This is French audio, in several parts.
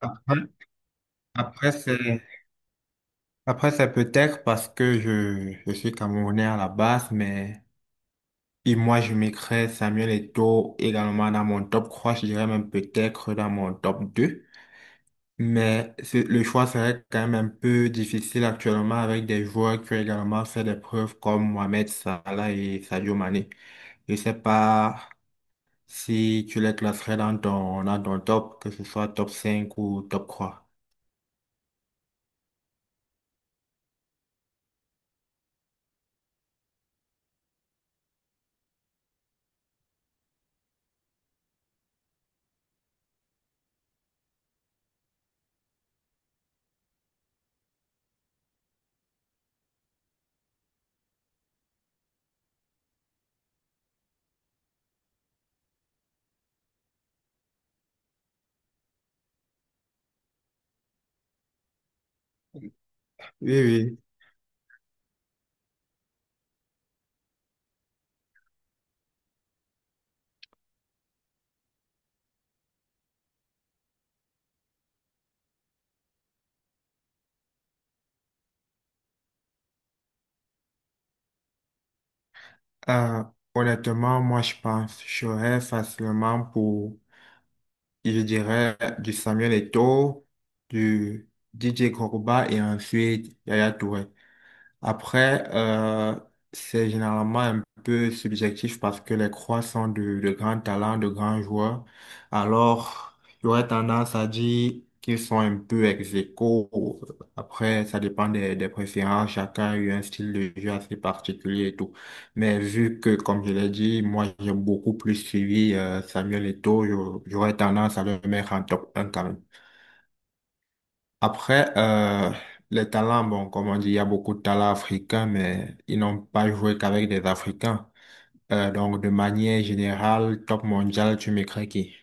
Après, après, c'est, après, c'est peut-être parce que je suis Camerounais à la base, mais et moi, je mettrais Samuel Eto'o également dans mon top trois. Je dirais même peut-être dans mon top deux. Mais le choix serait quand même un peu difficile actuellement avec des joueurs qui ont également fait des preuves comme Mohamed Salah et Sadio Mané. Je sais pas si tu les classerais dans ton top, que ce soit top 5 ou top 3. Oui. Euh, Honnêtement, moi, je pense, je serais facilement pour, je dirais, du Samuel Eto'o, du DJ Koroba et ensuite Yaya Touré. Après, c'est généralement un peu subjectif parce que les croix sont de grands talents, de grands joueurs. Alors, il y aurait tendance à dire qu'ils sont un peu ex aequo. Après, ça dépend des préférences. Chacun a eu un style de jeu assez particulier et tout. Mais vu que, comme je l'ai dit, moi, j'ai beaucoup plus suivi Samuel Eto'o, j'aurais tendance à le mettre en top un quand même. Après, les talents, bon, comme on dit, il y a beaucoup de talents africains, mais ils n'ont pas joué qu'avec des Africains. Donc, de manière générale, top mondial, tu m'écris qui?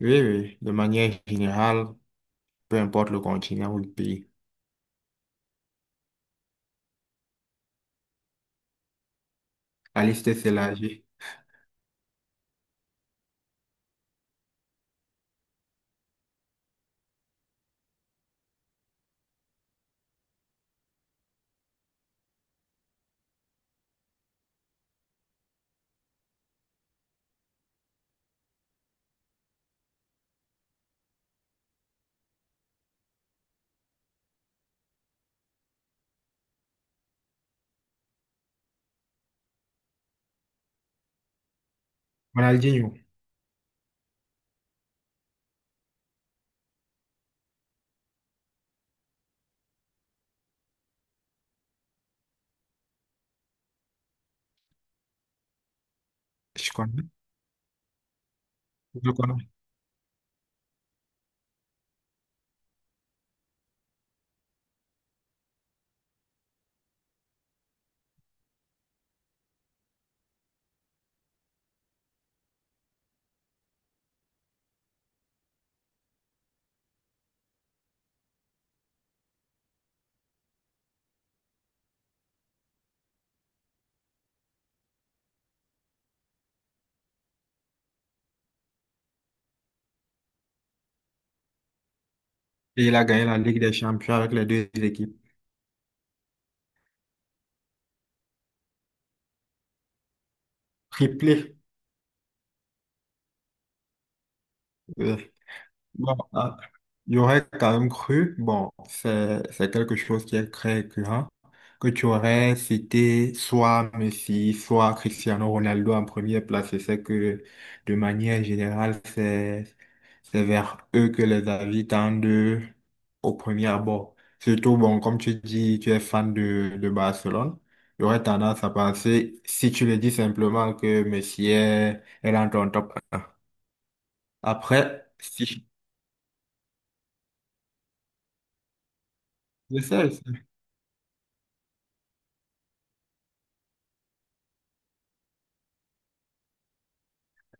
Oui, oui, de manière générale, peu importe le continent ou le pays. La liste s'élargit. Ronaldinho, je connais, je connais. Et il a gagné la Ligue des Champions avec les deux équipes. Triplé. euh, Bon, ah, j'aurais quand même cru, bon, c'est quelque chose qui est très récurrent, que tu aurais cité soit Messi, soit Cristiano Ronaldo en première place. Et c'est que, de manière générale, c'est vers eux que les avis tendent au premier abord. Surtout, bon, comme tu dis, tu es fan de Barcelone, j'aurais tendance à penser, si tu le dis simplement, que Messi est dans ton top 1. Après, si. Je sais.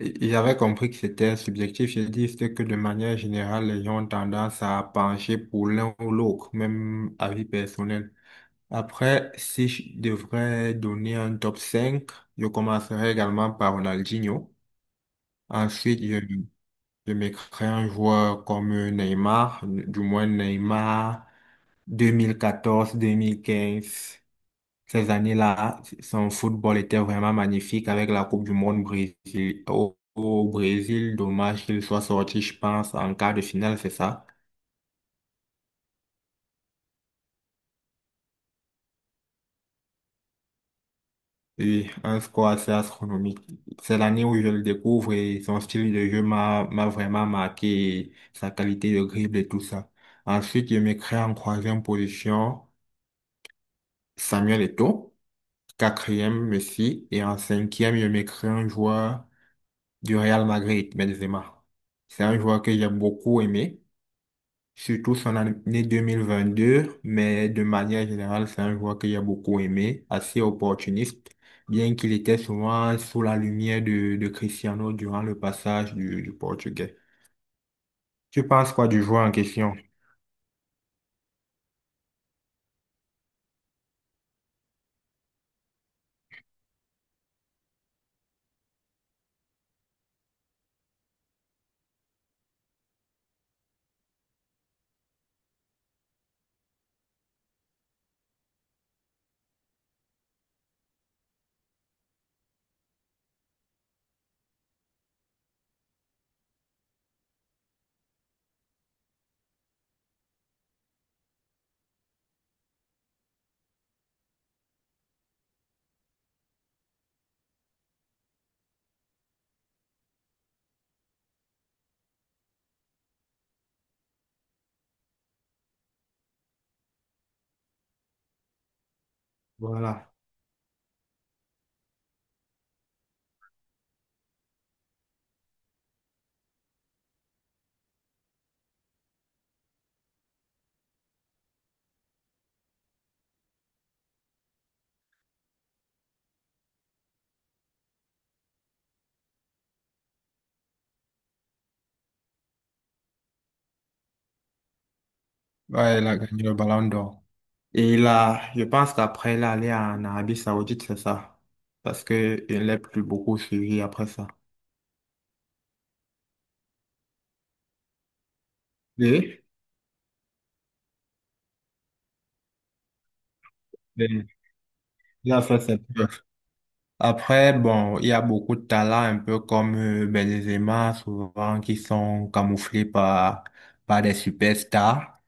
Il avait compris que c'était subjectif. J'ai dit c'est que de manière générale, les gens ont tendance à pencher pour l'un ou l'autre, même avis personnel. Après, si je devrais donner un top 5, je commencerai également par Ronaldinho. Ensuite, je mettrai un joueur comme Neymar, du moins Neymar 2014-2015. Ces années-là, son football était vraiment magnifique avec la Coupe du Monde Brésil. Au Brésil, dommage qu'il soit sorti, je pense, en quart de finale, c'est ça? Oui, un score assez astronomique. C'est l'année où je le découvre et son style de jeu m'a vraiment marqué, et sa qualité de dribble et tout ça. Ensuite, je me crée en troisième position Samuel Eto'o, quatrième Messi et en cinquième, je me crée un joueur du Real Madrid, Benzema. C'est un joueur que j'ai beaucoup aimé, surtout son année 2022, mais de manière générale, c'est un joueur que j'ai beaucoup aimé, assez opportuniste, bien qu'il était souvent sous la lumière de Cristiano durant le passage du Portugais. Tu penses quoi du joueur en question? Voilà. Ouais, il a gagné le ballon d'or. Et là, je pense qu'après, il est allé en Arabie Saoudite, c'est ça. Parce qu'il n'est plus beaucoup suivi après ça. Et, et il a fait ses preuves. Après, bon, il y a beaucoup de talents, un peu comme Benzema, souvent qui sont camouflés par des superstars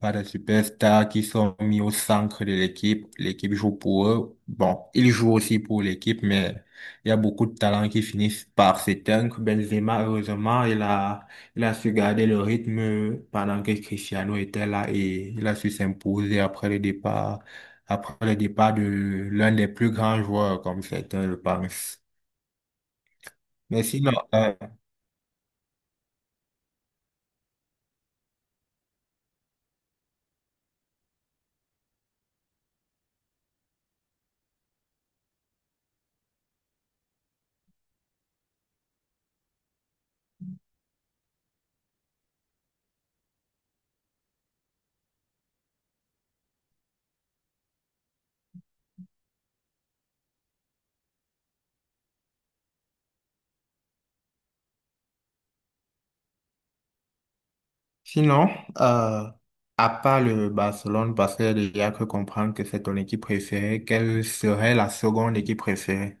pas de superstars qui sont mis au centre de l'équipe. L'équipe joue pour eux. Bon, ils jouent aussi pour l'équipe, mais il y a beaucoup de talents qui finissent par s'éteindre. Benzema, heureusement, il a su garder le rythme pendant que Cristiano était là et il a su s'imposer après le départ de l'un des plus grands joueurs, comme certains le pensent. Mais sinon, euh, Sinon, euh, à part le Barcelone, parce qu'il y a que comprendre que c'est ton équipe préférée, quelle serait la seconde équipe préférée?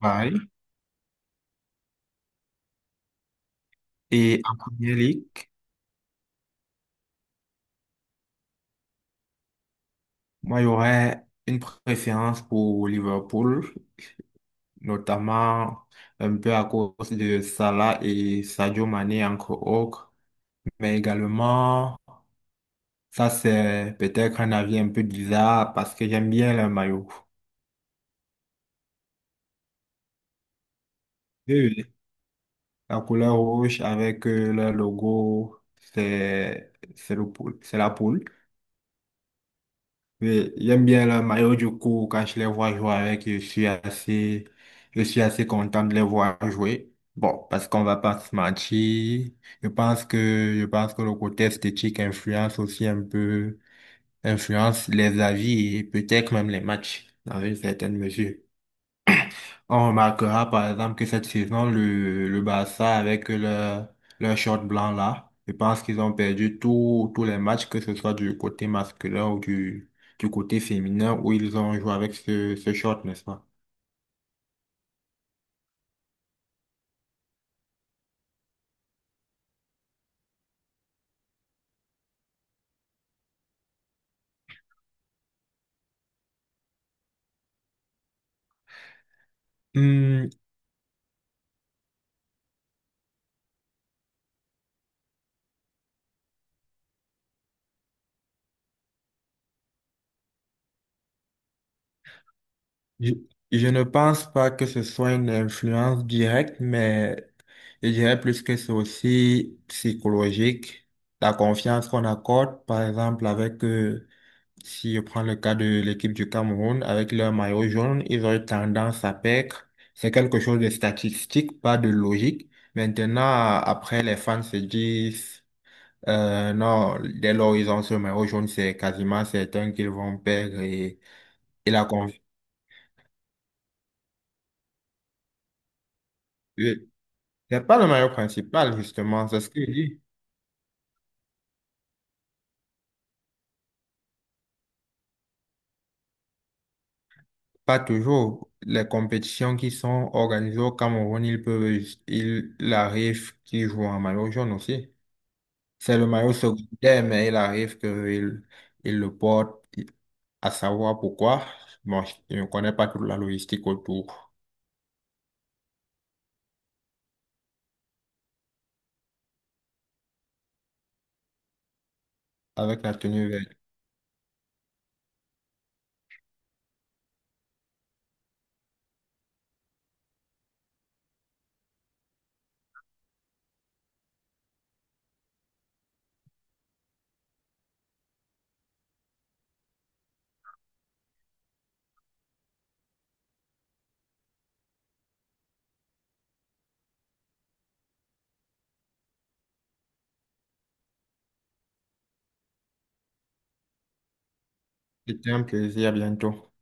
Pareil. Et en Premier League, moi, il y aurait une préférence pour Liverpool, notamment un peu à cause de Salah et Sadio Mané, entre autres. Mais également, ça c'est peut-être un avis un peu bizarre parce que j'aime bien le maillot. Oui, oui. La couleur rouge avec le logo, c'est le poule, c'est la poule. Mais j'aime bien le maillot du coup quand je les vois jouer avec, je suis assez content de les voir jouer. Bon, parce qu'on va pas se mentir, je pense que le côté esthétique influence aussi un peu influence les avis et peut-être même les matchs dans une certaine mesure. On remarquera par exemple que cette saison, le Barça avec leur short blanc là, je pense qu'ils ont perdu tous les matchs, que ce soit du côté masculin ou du côté féminin, où ils ont joué avec ce short, n'est-ce pas? Hmm, je, je ne pense pas que ce soit une influence directe, mais je dirais plus que c'est aussi psychologique. La confiance qu'on accorde, par exemple, avec. Si je prends le cas de l'équipe du Cameroun, avec leur maillot jaune, ils ont eu tendance à perdre. C'est quelque chose de statistique, pas de logique. Maintenant, après, les fans se disent, non, dès lors ils ont ce maillot jaune, c'est quasiment certain qu'ils vont perdre et la confiance. C'est pas le maillot principal, justement, c'est ce que je dis. Pas toujours. Les compétitions qui sont organisées au Cameroun, il arrive qu'ils jouent en maillot jaune aussi. C'est le maillot secondaire, mais il arrive qu'il le porte, à savoir pourquoi. Bon, je ne connais pas toute la logistique autour. Avec la tenue verte. C'était un plaisir, à bientôt.